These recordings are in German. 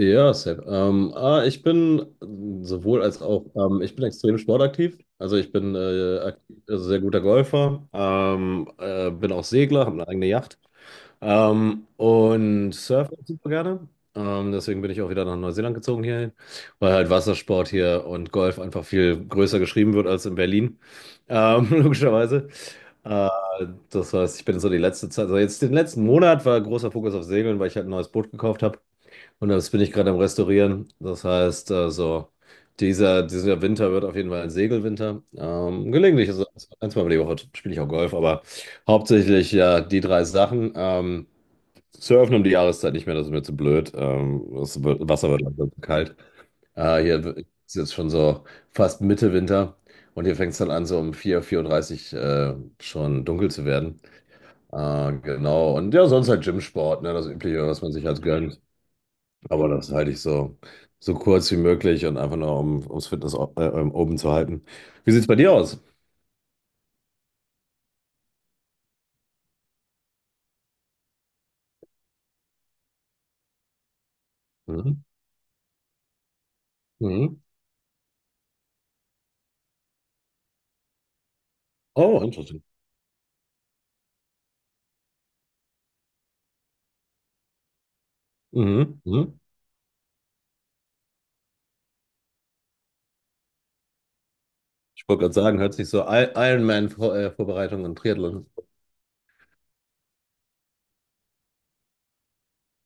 Ja, Sepp. Ich bin sowohl als auch, ich bin extrem sportaktiv. Also ich bin aktiv, also sehr guter Golfer, bin auch Segler, habe eine eigene Yacht und surfe auch super gerne. Deswegen bin ich auch wieder nach Neuseeland gezogen hierhin, weil halt Wassersport hier und Golf einfach viel größer geschrieben wird als in Berlin, logischerweise. Äh, das heißt, ich bin so die letzte Zeit, also jetzt den letzten Monat war großer Fokus auf Segeln, weil ich halt ein neues Boot gekauft habe. Und das bin ich gerade am Restaurieren. Das heißt, dieser Winter wird auf jeden Fall ein Segelwinter. Gelegentlich, also ein, zweimal die Woche spiele ich auch Golf, aber hauptsächlich ja die drei Sachen. Surfen um die Jahreszeit nicht mehr, das ist mir zu blöd. Wasser wird langsam zu kalt. Hier ist jetzt schon so fast Mitte Winter und hier fängt es dann an, so um 4 4:30 Uhr dreißig schon dunkel zu werden. Genau, und ja, sonst halt Gymsport, ne, das Übliche, was man sich halt gönnt. Aber das halte ich so kurz wie möglich und einfach nur, ums Fitness oben zu halten. Wie sieht es bei dir aus? Mhm. Mhm. Oh, interesting. Mhm. Mhm. Ich wollte gerade sagen, hört sich so Ironman-Vorbereitung und Triathlon.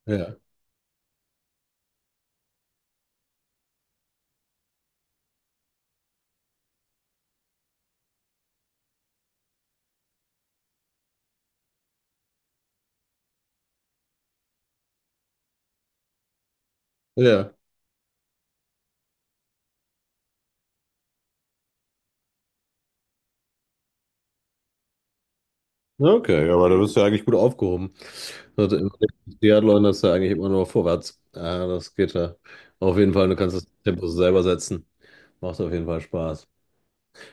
Ja, ja. Okay, ja, aber da bist du ja eigentlich gut aufgehoben. Also im Triathlon ist ja eigentlich immer nur vorwärts. Das geht ja auf jeden Fall. Du kannst das Tempo selber setzen. Macht auf jeden Fall Spaß.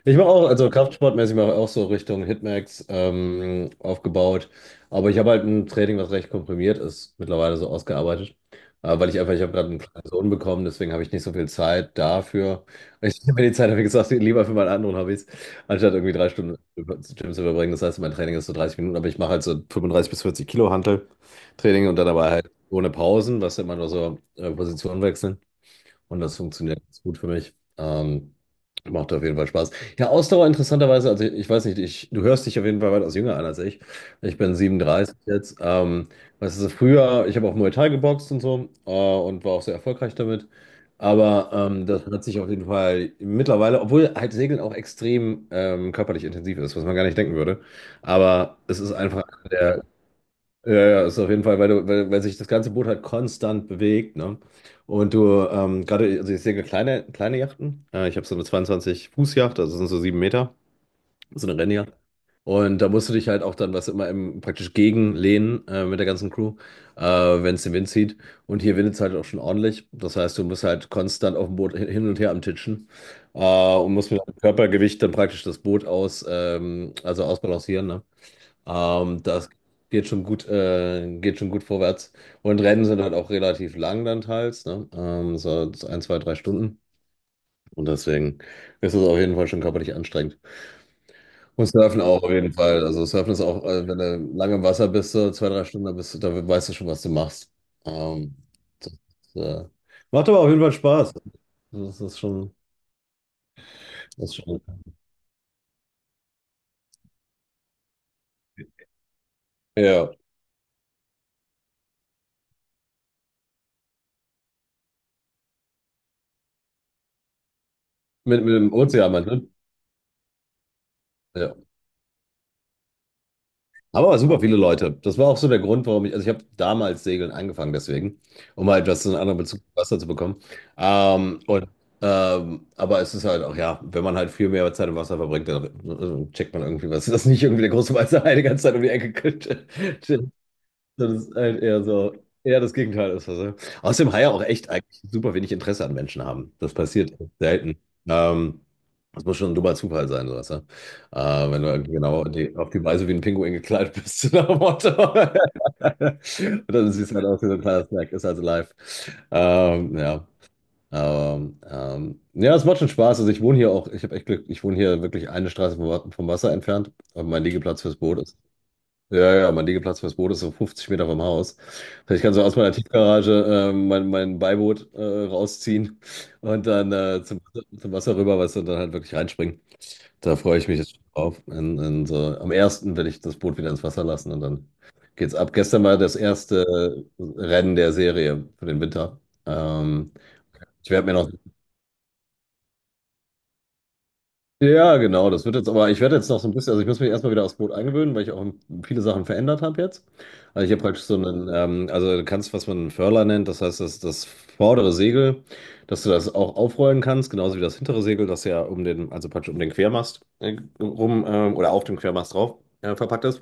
Ich mache auch, also kraftsportmäßig mache ich auch so Richtung Hitmax aufgebaut. Aber ich habe halt ein Training, was recht komprimiert ist, mittlerweile so ausgearbeitet. Ich habe gerade einen kleinen Sohn bekommen, deswegen habe ich nicht so viel Zeit dafür. Ich nehme mir die Zeit, habe ich gesagt, lieber für meine anderen Hobbys, anstatt irgendwie 3 Stunden im Gym zu verbringen. Das heißt, mein Training ist so 30 Minuten, aber ich mache halt so 35 bis 40 Kilo Hantel-Training und dann dabei halt ohne Pausen, was immer nur so Positionen wechseln. Und das funktioniert ganz gut für mich. Macht auf jeden Fall Spaß. Ja, Ausdauer interessanterweise, also ich weiß nicht, du hörst dich auf jeden Fall weitaus jünger an als ich. Ich bin 37 jetzt. Weißt du, früher, ich habe auch Muay Thai geboxt und so, und war auch sehr erfolgreich damit. Aber das hat sich auf jeden Fall mittlerweile, obwohl halt Segeln auch extrem körperlich intensiv ist, was man gar nicht denken würde. Aber es ist einfach einer der, ja, ja, ist auf jeden Fall, weil du, weil sich das ganze Boot halt konstant bewegt, ne? Und du, gerade, also ich sehe kleine, kleine Yachten. Ich habe so eine 22-Fuß-Yacht, also sind so 7 Meter, so eine Rennjacht. Und da musst du dich halt auch dann, was immer im, praktisch gegenlehnen, mit der ganzen Crew, wenn es den Wind zieht. Und hier windet es halt auch schon ordentlich. Das heißt, du musst halt konstant auf dem Boot hin und her am Titschen, und musst mit deinem Körpergewicht dann praktisch das Boot aus, also ausbalancieren, ne? Das geht schon gut vorwärts. Und Rennen sind halt auch relativ lang dann teils, ne? So 1, 2, 3 Stunden. Und deswegen ist es auf jeden Fall schon körperlich anstrengend. Und Surfen auch auf jeden Fall. Also Surfen ist auch, wenn du lange im Wasser bist, so 2, 3 Stunden, da weißt du schon, was du machst. Ähm, das, äh, macht aber auf jeden Fall Spaß. Das ist schon, das ist schon. Ja. Mit dem Ozean, meinst du? Ja. Aber super viele Leute. Das war auch so der Grund, warum ich, also ich habe damals Segeln angefangen, deswegen, um mal etwas einen anderen Bezug zu Wasser zu bekommen. Ähm, und, aber es ist halt auch, ja, wenn man halt viel mehr Zeit im Wasser verbringt, dann checkt man irgendwie was, dass nicht irgendwie der große weiße Hai die ganze Zeit um die Ecke Das ist halt eher so, eher das Gegenteil ist das. Ja. Außerdem Haie auch echt eigentlich super wenig Interesse an Menschen haben. Das passiert echt selten. Ähm, das muss schon ein dummer Zufall sein, sowas. Ja? Wenn du irgendwie genau die, auf die Weise wie ein Pinguin gekleidet bist, so nach dem Motto. Und dann siehst du halt aus wie so ein kleiner Snack, ist also live. Ja. Ja, es macht schon Spaß. Also ich wohne hier auch, ich habe echt Glück, ich wohne hier wirklich eine Straße vom Wasser entfernt. Und mein Liegeplatz fürs Boot ist. Ja, ja, mein Liegeplatz fürs Boot ist so 50 Meter vom Haus. Ich kann so aus meiner Tiefgarage mein Beiboot rausziehen und dann zum Wasser rüber, weißt du, und dann halt wirklich reinspringen. Da freue ich mich jetzt schon drauf. Am ersten werde ich das Boot wieder ins Wasser lassen und dann geht's ab. Gestern war das erste Rennen der Serie für den Winter. Ähm, Ich werde mir noch. Ja, genau, das wird jetzt aber, ich werde jetzt noch so ein bisschen, also ich muss mich erstmal wieder aufs Boot eingewöhnen, weil ich auch viele Sachen verändert habe jetzt. Also ich habe praktisch so einen, also du kannst, was man einen Furler nennt, das heißt, das vordere Segel, dass du das auch aufrollen kannst, genauso wie das hintere Segel, das ja um den, also praktisch um den Quermast rum, oder auf dem Quermast drauf verpackt ist.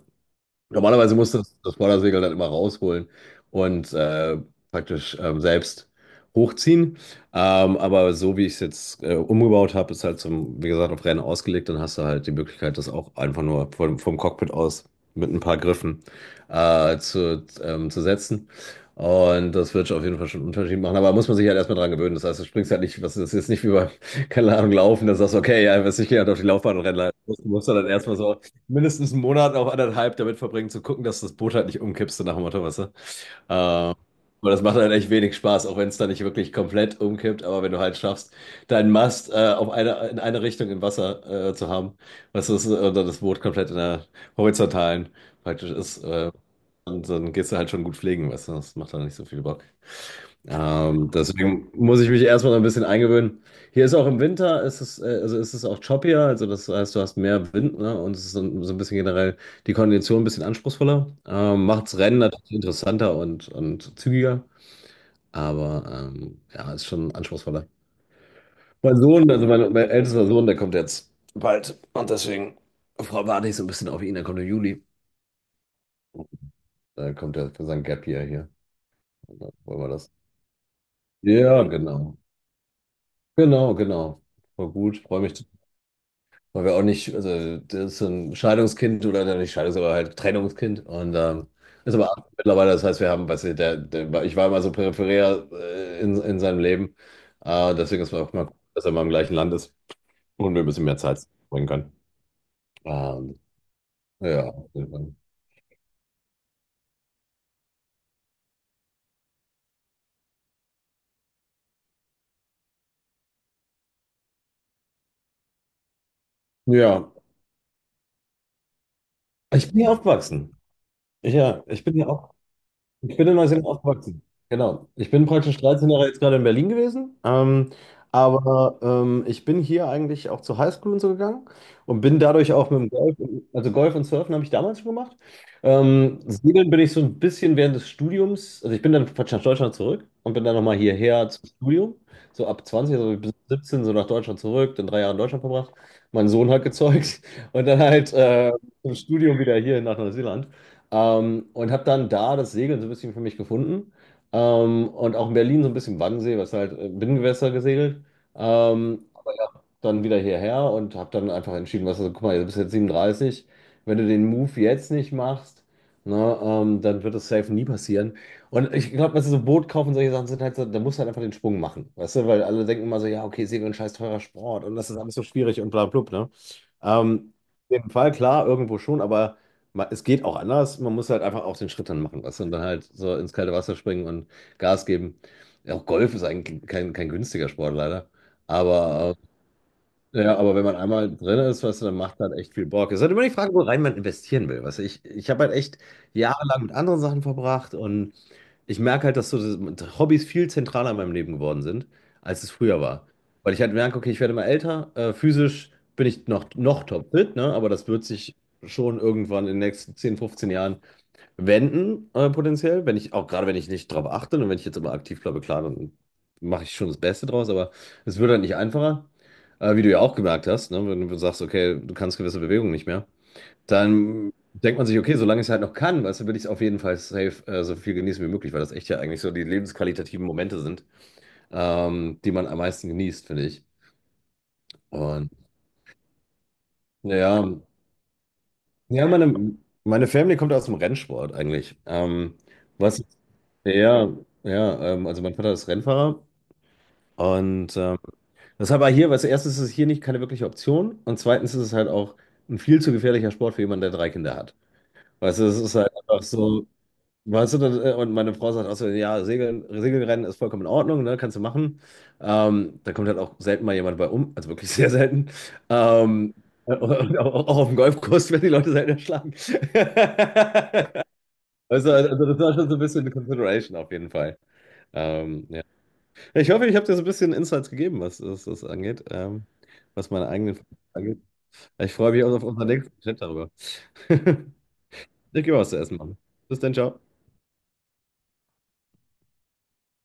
Normalerweise musste das Vordersegel dann immer rausholen und praktisch selbst hochziehen. Aber so wie ich es jetzt umgebaut habe, ist halt zum, wie gesagt, auf Rennen ausgelegt. Dann hast du halt die Möglichkeit, das auch einfach nur vom Cockpit aus mit ein paar Griffen zu setzen. Und das wird auf jeden Fall schon einen Unterschied machen. Aber muss man sich halt erstmal dran gewöhnen. Das heißt, du springst halt nicht, was das ist jetzt nicht wie beim, keine Ahnung, Laufen, dass du sagst, okay, ja, was ich gehe halt auf die Laufbahn und renne. Leider. Du musst dann erstmal so mindestens einen Monat, auch anderthalb damit verbringen, zu gucken, dass das Boot halt nicht umkippt, so nach dem Motto, weißt du? Äh, und das macht halt echt wenig Spaß, auch wenn es dann nicht wirklich komplett umkippt, aber wenn du halt schaffst, deinen Mast auf eine, in eine Richtung im Wasser zu haben, weißt du, und dann das Boot komplett in der horizontalen praktisch ist, und dann gehst du halt schon gut pflegen, weißt du? Das macht dann nicht so viel Bock. Deswegen muss ich mich erstmal ein bisschen eingewöhnen. Hier ist auch im Winter, ist es, also ist es auch choppier, also das heißt, du hast mehr Wind, ne? Und es ist so ein bisschen generell die Kondition ein bisschen anspruchsvoller. Macht's Rennen natürlich interessanter und zügiger, aber ja, ist schon anspruchsvoller. Mein Sohn, also mein ältester Sohn, der kommt jetzt bald und deswegen warte ich so ein bisschen auf ihn, der kommt im Juli. Da kommt er für sein Gap Year hier. Und dann wollen wir das. Ja, genau. Genau, genau. Voll gut, freue mich. Weil wir auch nicht, also das ist so ein Scheidungskind oder nein, nicht Scheidungs, aber halt Trennungskind und ist aber mittlerweile, das heißt, wir haben, weißt du, ich war immer so peripherär in seinem Leben, deswegen ist es auch mal gut, dass er mal im gleichen Land ist und wir ein bisschen mehr Zeit bringen können. Ähm, ja, ja, ich bin hier aufgewachsen. Ja, ich bin hier auch. Ich bin in Neuseeland aufgewachsen. Genau. Ich bin praktisch 13 Jahre jetzt gerade in Berlin gewesen. Ich bin hier eigentlich auch zur Highschool und so gegangen und bin dadurch auch mit dem Golf, also Golf und Surfen habe ich damals schon gemacht. Segeln bin ich so ein bisschen während des Studiums, also ich bin dann praktisch nach Deutschland zurück und bin dann nochmal hierher zum Studium. So ab 20 also bis 17, so nach Deutschland zurück, dann 3 Jahre in Deutschland verbracht. Mein Sohn hat gezeugt und dann halt zum Studium wieder hier nach Neuseeland. Und habe dann da das Segeln so ein bisschen für mich gefunden. Und auch in Berlin so ein bisschen Wannsee, was halt Binnengewässer gesegelt. Aber ja, dann wieder hierher und habe dann einfach entschieden, was, also, guck mal, du bist jetzt 37. Wenn du den Move jetzt nicht machst, ne, dann wird das safe nie passieren. Und ich glaube, weißt du, so Boot kaufen und solche Sachen sind halt so, da musst du halt einfach den Sprung machen. Weißt du, weil alle denken immer so, ja, okay, Segeln, scheiß teurer Sport und das ist alles so schwierig und bla blub, ne? Ähm, auf jeden Fall, klar, irgendwo schon, aber es geht auch anders. Man muss halt einfach auch den Schritt dann machen, weißt du, und dann halt so ins kalte Wasser springen und Gas geben. Ja, auch Golf ist eigentlich kein günstiger Sport, leider. Aber, ja, aber wenn man einmal drin ist, weißt du, dann macht halt echt viel Bock. Es ist halt immer die Frage, wo rein man investieren will. Weißt du, ich habe halt echt jahrelang mit anderen Sachen verbracht und ich merke halt, dass so Hobbys viel zentraler in meinem Leben geworden sind, als es früher war. Weil ich halt merke, okay, ich werde immer älter, physisch bin ich noch topfit, ne? Aber das wird sich schon irgendwann in den nächsten 10, 15 Jahren wenden, potenziell. Wenn ich, auch gerade wenn ich nicht drauf achte und wenn ich jetzt immer aktiv bleibe, klar, dann mache ich schon das Beste draus, aber es wird halt nicht einfacher. Wie du ja auch gemerkt hast, ne? Wenn du sagst, okay, du kannst gewisse Bewegungen nicht mehr. Dann denkt man sich, okay, solange ich es halt noch kann, weißt du, will ich es auf jeden Fall safe so viel genießen wie möglich, weil das echt ja eigentlich so die lebensqualitativen Momente sind, die man am meisten genießt, finde ich. Und ja, ja, meine Family kommt aus dem Rennsport eigentlich. Was, ja, ja, also mein Vater ist Rennfahrer und das ist aber hier, weißt du, erstens ist es hier nicht keine wirkliche Option und zweitens ist es halt auch ein viel zu gefährlicher Sport für jemanden, der drei Kinder hat. Weißt du, es ist halt einfach so. Weißt du, und meine Frau sagt auch so, ja, Segeln, Segelrennen ist vollkommen in Ordnung, ne, kannst du machen. Da kommt halt auch selten mal jemand bei um, also wirklich sehr selten. Ähm, und auch auf dem Golfkurs werden die Leute selten erschlagen. Also das war schon so ein bisschen eine Consideration auf jeden Fall. Ja. Ich hoffe, ich habe dir so ein bisschen Insights gegeben, was das angeht, was meine eigenen angeht. Ich freue mich auch auf unseren nächsten Chat darüber. Ich gebe was zu essen, Mann. Bis dann, ciao.